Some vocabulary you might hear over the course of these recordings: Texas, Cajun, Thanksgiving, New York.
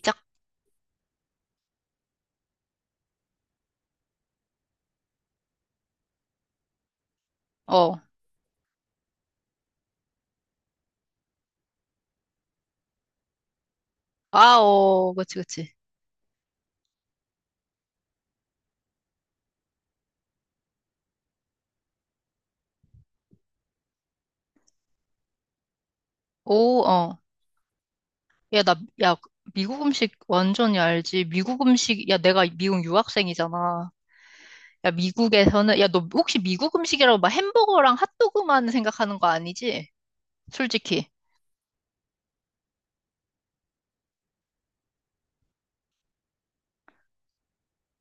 짝, 어. 아, 어. 그치, 그치. 오, 어. 야, 나, 야, 미국 음식 완전히 알지. 미국 음식, 야, 내가 미국 유학생이잖아. 야, 미국에서는, 야, 너 혹시 미국 음식이라고 막 햄버거랑 핫도그만 생각하는 거 아니지? 솔직히.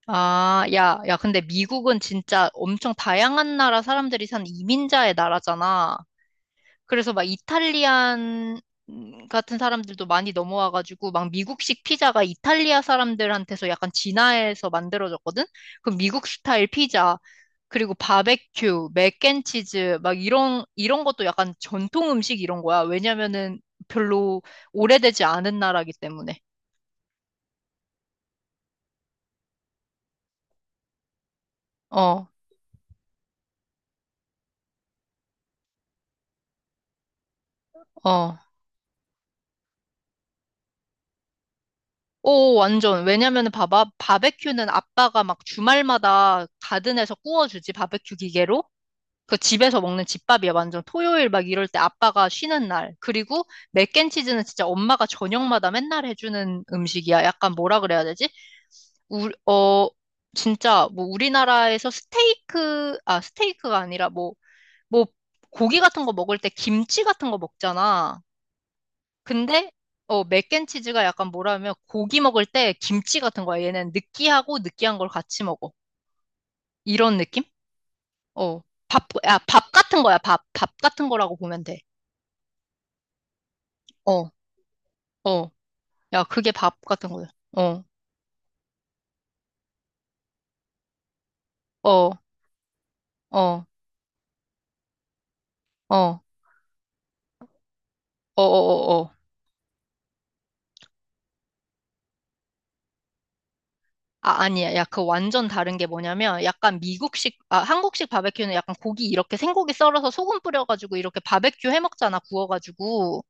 아, 야, 야, 근데 미국은 진짜 엄청 다양한 나라 사람들이 사는 이민자의 나라잖아. 그래서 막 이탈리안 같은 사람들도 많이 넘어와가지고 막 미국식 피자가 이탈리아 사람들한테서 약간 진화해서 만들어졌거든? 그 미국 스타일 피자, 그리고 바베큐, 맥앤치즈 막 이런 것도 약간 전통 음식 이런 거야. 왜냐면은 별로 오래되지 않은 나라기 때문에. 어, 어. 오, 완전. 왜냐면은 봐봐. 바베큐는 아빠가 막 주말마다 가든에서 구워주지, 바베큐 기계로. 그 집에서 먹는 집밥이야, 완전. 토요일 막 이럴 때 아빠가 쉬는 날. 그리고 맥앤치즈는 진짜 엄마가 저녁마다 맨날 해주는 음식이야. 약간 뭐라 그래야 되지? 우, 어, 진짜 뭐 우리나라에서 스테이크, 아, 스테이크가 아니라 뭐, 뭐, 고기 같은 거 먹을 때 김치 같은 거 먹잖아. 근데, 어, 맥앤치즈가 약간 뭐라 하면 고기 먹을 때 김치 같은 거야. 얘는 느끼하고 느끼한 걸 같이 먹어. 이런 느낌? 어, 밥, 야, 밥 같은 거야, 밥. 밥 같은 거라고 보면 돼. 어, 어. 야, 그게 밥 같은 거야. 어, 어, 어, 어, 어, 어, 어. 어. 아, 아니야. 야, 그 완전 다른 게 뭐냐면, 약간 미국식, 아, 한국식 바베큐는 약간 고기 이렇게 생고기 썰어서 소금 뿌려가지고 이렇게 바베큐 해 먹잖아, 구워가지고.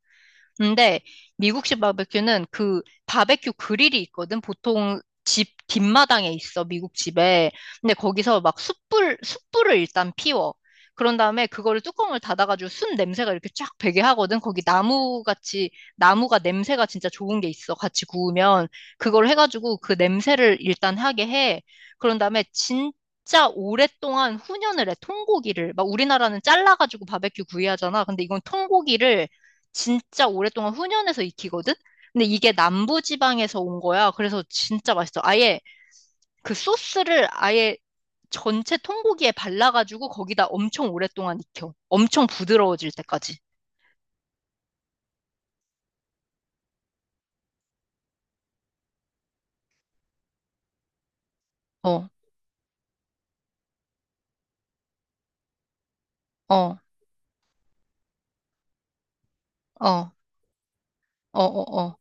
근데 미국식 바베큐는 그 바베큐 그릴이 있거든. 보통 집 뒷마당에 있어, 미국 집에. 근데 거기서 막 숯불, 숯불을 일단 피워. 그런 다음에 그거를 뚜껑을 닫아가지고 순 냄새가 이렇게 쫙 배게 하거든. 거기 나무 같이, 나무가 냄새가 진짜 좋은 게 있어. 같이 구우면. 그걸 해가지고 그 냄새를 일단 하게 해. 그런 다음에 진짜 오랫동안 훈연을 해. 통고기를. 막 우리나라는 잘라가지고 바베큐 구이 하잖아. 근데 이건 통고기를 진짜 오랫동안 훈연해서 익히거든? 근데 이게 남부 지방에서 온 거야. 그래서 진짜 맛있어. 아예 그 소스를 아예 전체 통고기에 발라가지고 거기다 엄청 오랫동안 익혀. 엄청 부드러워질 때까지. 어, 어, 어, 어, 어, 어.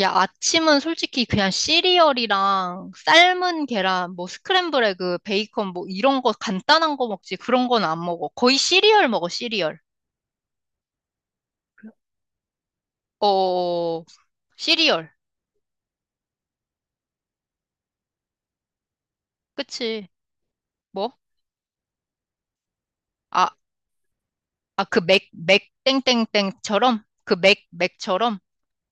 야, 아침은 솔직히 그냥 시리얼이랑 삶은 계란, 뭐 스크램블 에그, 베이컨 뭐 이런 거 간단한 거 먹지. 그런 건 안 먹어. 거의 시리얼 먹어, 시리얼. 어, 시리얼. 그치. 뭐? 아, 아, 그 맥, 맥, 땡땡땡처럼? 그 맥, 맥처럼?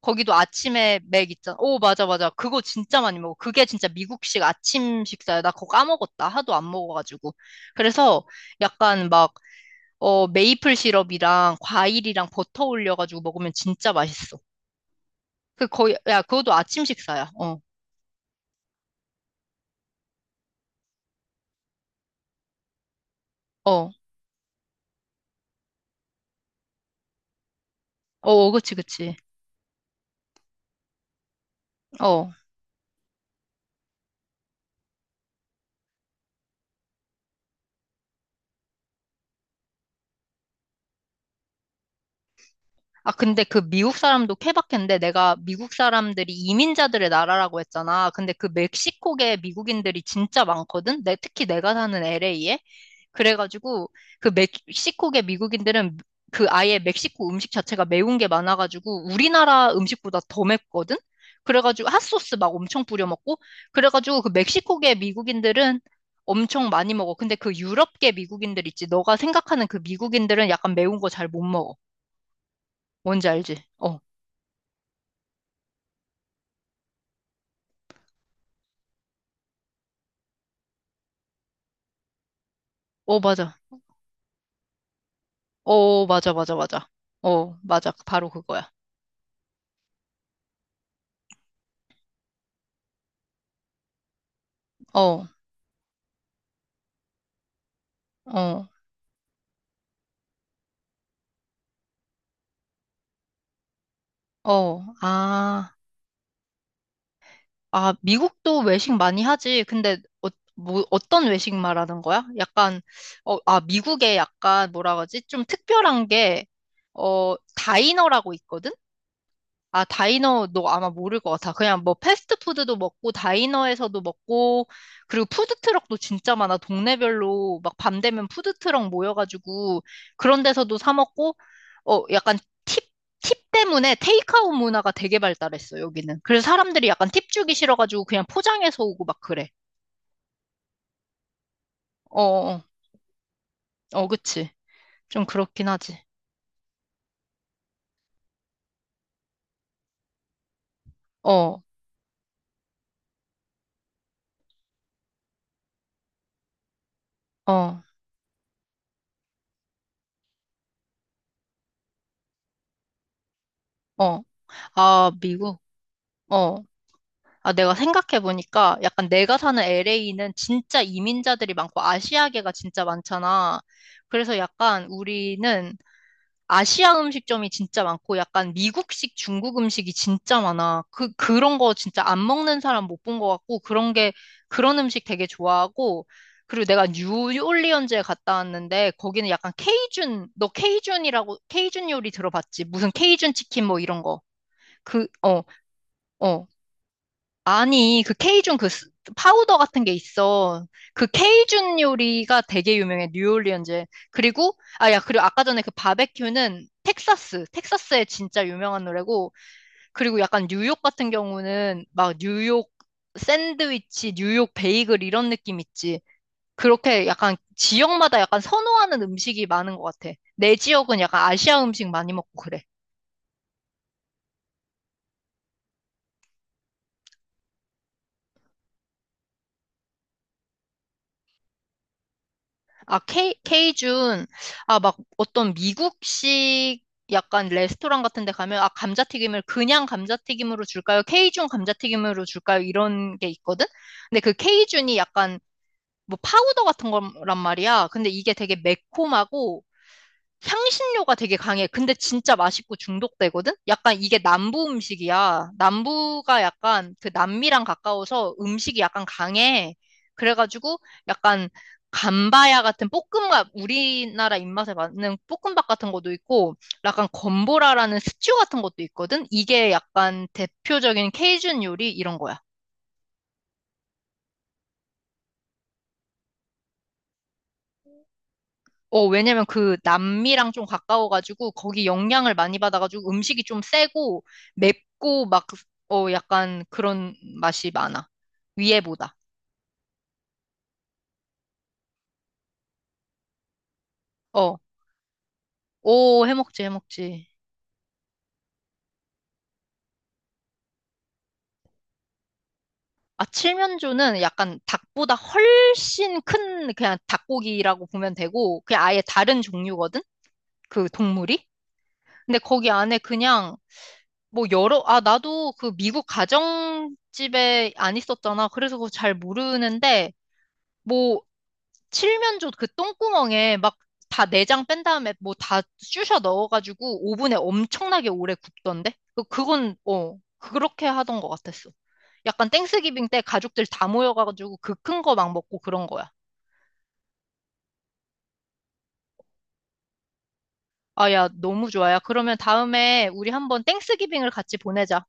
거기도 아침에 맥 있잖아. 오, 맞아, 맞아. 그거 진짜 많이 먹어. 그게 진짜 미국식 아침 식사야. 나 그거 까먹었다. 하도 안 먹어가지고. 그래서 약간 막, 어, 메이플 시럽이랑 과일이랑 버터 올려가지고 먹으면 진짜 맛있어. 그 거의, 야, 그것도 아침 식사야. 어, 어, 어, 그치, 그치. 어. 아, 근데 그 미국 사람도 케바케인데 내가 미국 사람들이 이민자들의 나라라고 했잖아. 근데 그 멕시코계 미국인들이 진짜 많거든? 내, 특히 내가 사는 LA에. 그래가지고 그 멕시코계 미국인들은 그 아예 멕시코 음식 자체가 매운 게 많아가지고 우리나라 음식보다 더 맵거든? 그래가지고 핫소스 막 엄청 뿌려 먹고. 그래가지고 그 멕시코계 미국인들은 엄청 많이 먹어. 근데 그 유럽계 미국인들 있지. 너가 생각하는 그 미국인들은 약간 매운 거 잘 못 먹어. 뭔지 알지? 어. 어, 맞아. 어, 어, 맞아, 맞아, 맞아. 어, 맞아. 바로 그거야. 어, 어, 어. 아, 아, 미국도 외식 많이 하지. 근데, 어, 뭐, 어떤 외식 말하는 거야? 약간, 어, 아, 미국에 약간, 뭐라 그러지? 좀 특별한 게, 어, 다이너라고 있거든? 아, 다이너 너 아마 모를 것 같아. 그냥 뭐 패스트푸드도 먹고 다이너에서도 먹고 그리고 푸드트럭도 진짜 많아. 동네별로 막 밤 되면 푸드트럭 모여가지고 그런 데서도 사 먹고 어 약간 팁, 팁 때문에 테이크아웃 문화가 되게 발달했어 여기는. 그래서 사람들이 약간 팁 주기 싫어가지고 그냥 포장해서 오고 막 그래. 어, 어, 어, 어, 그치. 좀 그렇긴 하지. 어, 어, 어. 아, 미국. 어. 아, 내가 생각해보니까 약간 내가 사는 LA는 진짜 이민자들이 많고 아시아계가 진짜 많잖아. 그래서 약간 우리는 아시아 음식점이 진짜 많고 약간 미국식 중국 음식이 진짜 많아. 그, 그런 거 진짜 안 먹는 사람 못 본 것 같고 그런 게, 그런 음식 되게 좋아하고 그리고 내가 뉴올리언즈에 갔다 왔는데 거기는 약간 케이준, 너 케이준이라고, 케이준 요리 들어봤지? 무슨 케이준 치킨 뭐 이런 거. 그, 어. 어, 아니, 그 케이준 그 스- 파우더 같은 게 있어. 그 케이준 요리가 되게 유명해, 뉴올리언즈에. 그리고, 아, 야, 그리고 아까 전에 그 바베큐는 텍사스, 텍사스에 진짜 유명한 노래고, 그리고 약간 뉴욕 같은 경우는 막 뉴욕 샌드위치, 뉴욕 베이글 이런 느낌 있지. 그렇게 약간 지역마다 약간 선호하는 음식이 많은 것 같아. 내 지역은 약간 아시아 음식 많이 먹고 그래. 아, 케이, 케이준, 아, 막 어떤 미국식 약간 레스토랑 같은 데 가면, 아, 감자튀김을 그냥 감자튀김으로 줄까요? 케이준 감자튀김으로 줄까요? 이런 게 있거든? 근데 그 케이준이 약간 뭐 파우더 같은 거란 말이야. 근데 이게 되게 매콤하고, 향신료가 되게 강해. 근데 진짜 맛있고 중독되거든? 약간 이게 남부 음식이야. 남부가 약간 그 남미랑 가까워서 음식이 약간 강해. 그래가지고 약간 감바야 같은 볶음밥, 우리나라 입맛에 맞는 볶음밥 같은 것도 있고, 약간 건보라라는 스튜 같은 것도 있거든? 이게 약간 대표적인 케이준 요리 이런 거야. 어, 왜냐면 그 남미랑 좀 가까워가지고 거기 영향을 많이 받아가지고 음식이 좀 세고 맵고 막, 그, 어, 약간 그런 맛이 많아. 위에보다. 어, 오, 해먹지, 해먹지. 아, 칠면조는 약간 닭보다 훨씬 큰 그냥 닭고기라고 보면 되고 그냥 아예 다른 종류거든? 그 동물이? 근데 거기 안에 그냥 뭐 여러, 아, 나도 그 미국 가정집에 안 있었잖아. 그래서 그거 잘 모르는데 뭐 칠면조 그 똥구멍에 막 다 내장 뺀 다음에 뭐 다 쑤셔 넣어가지고 오븐에 엄청나게 오래 굽던데? 그- 그건, 어, 그렇게 하던 것 같았어. 약간 땡스기빙 때 가족들 다 모여가지고 그 큰 거 막 먹고 그런 거야. 아, 야, 너무 좋아. 야, 그러면 다음에 우리 한번 땡스기빙을 같이 보내자.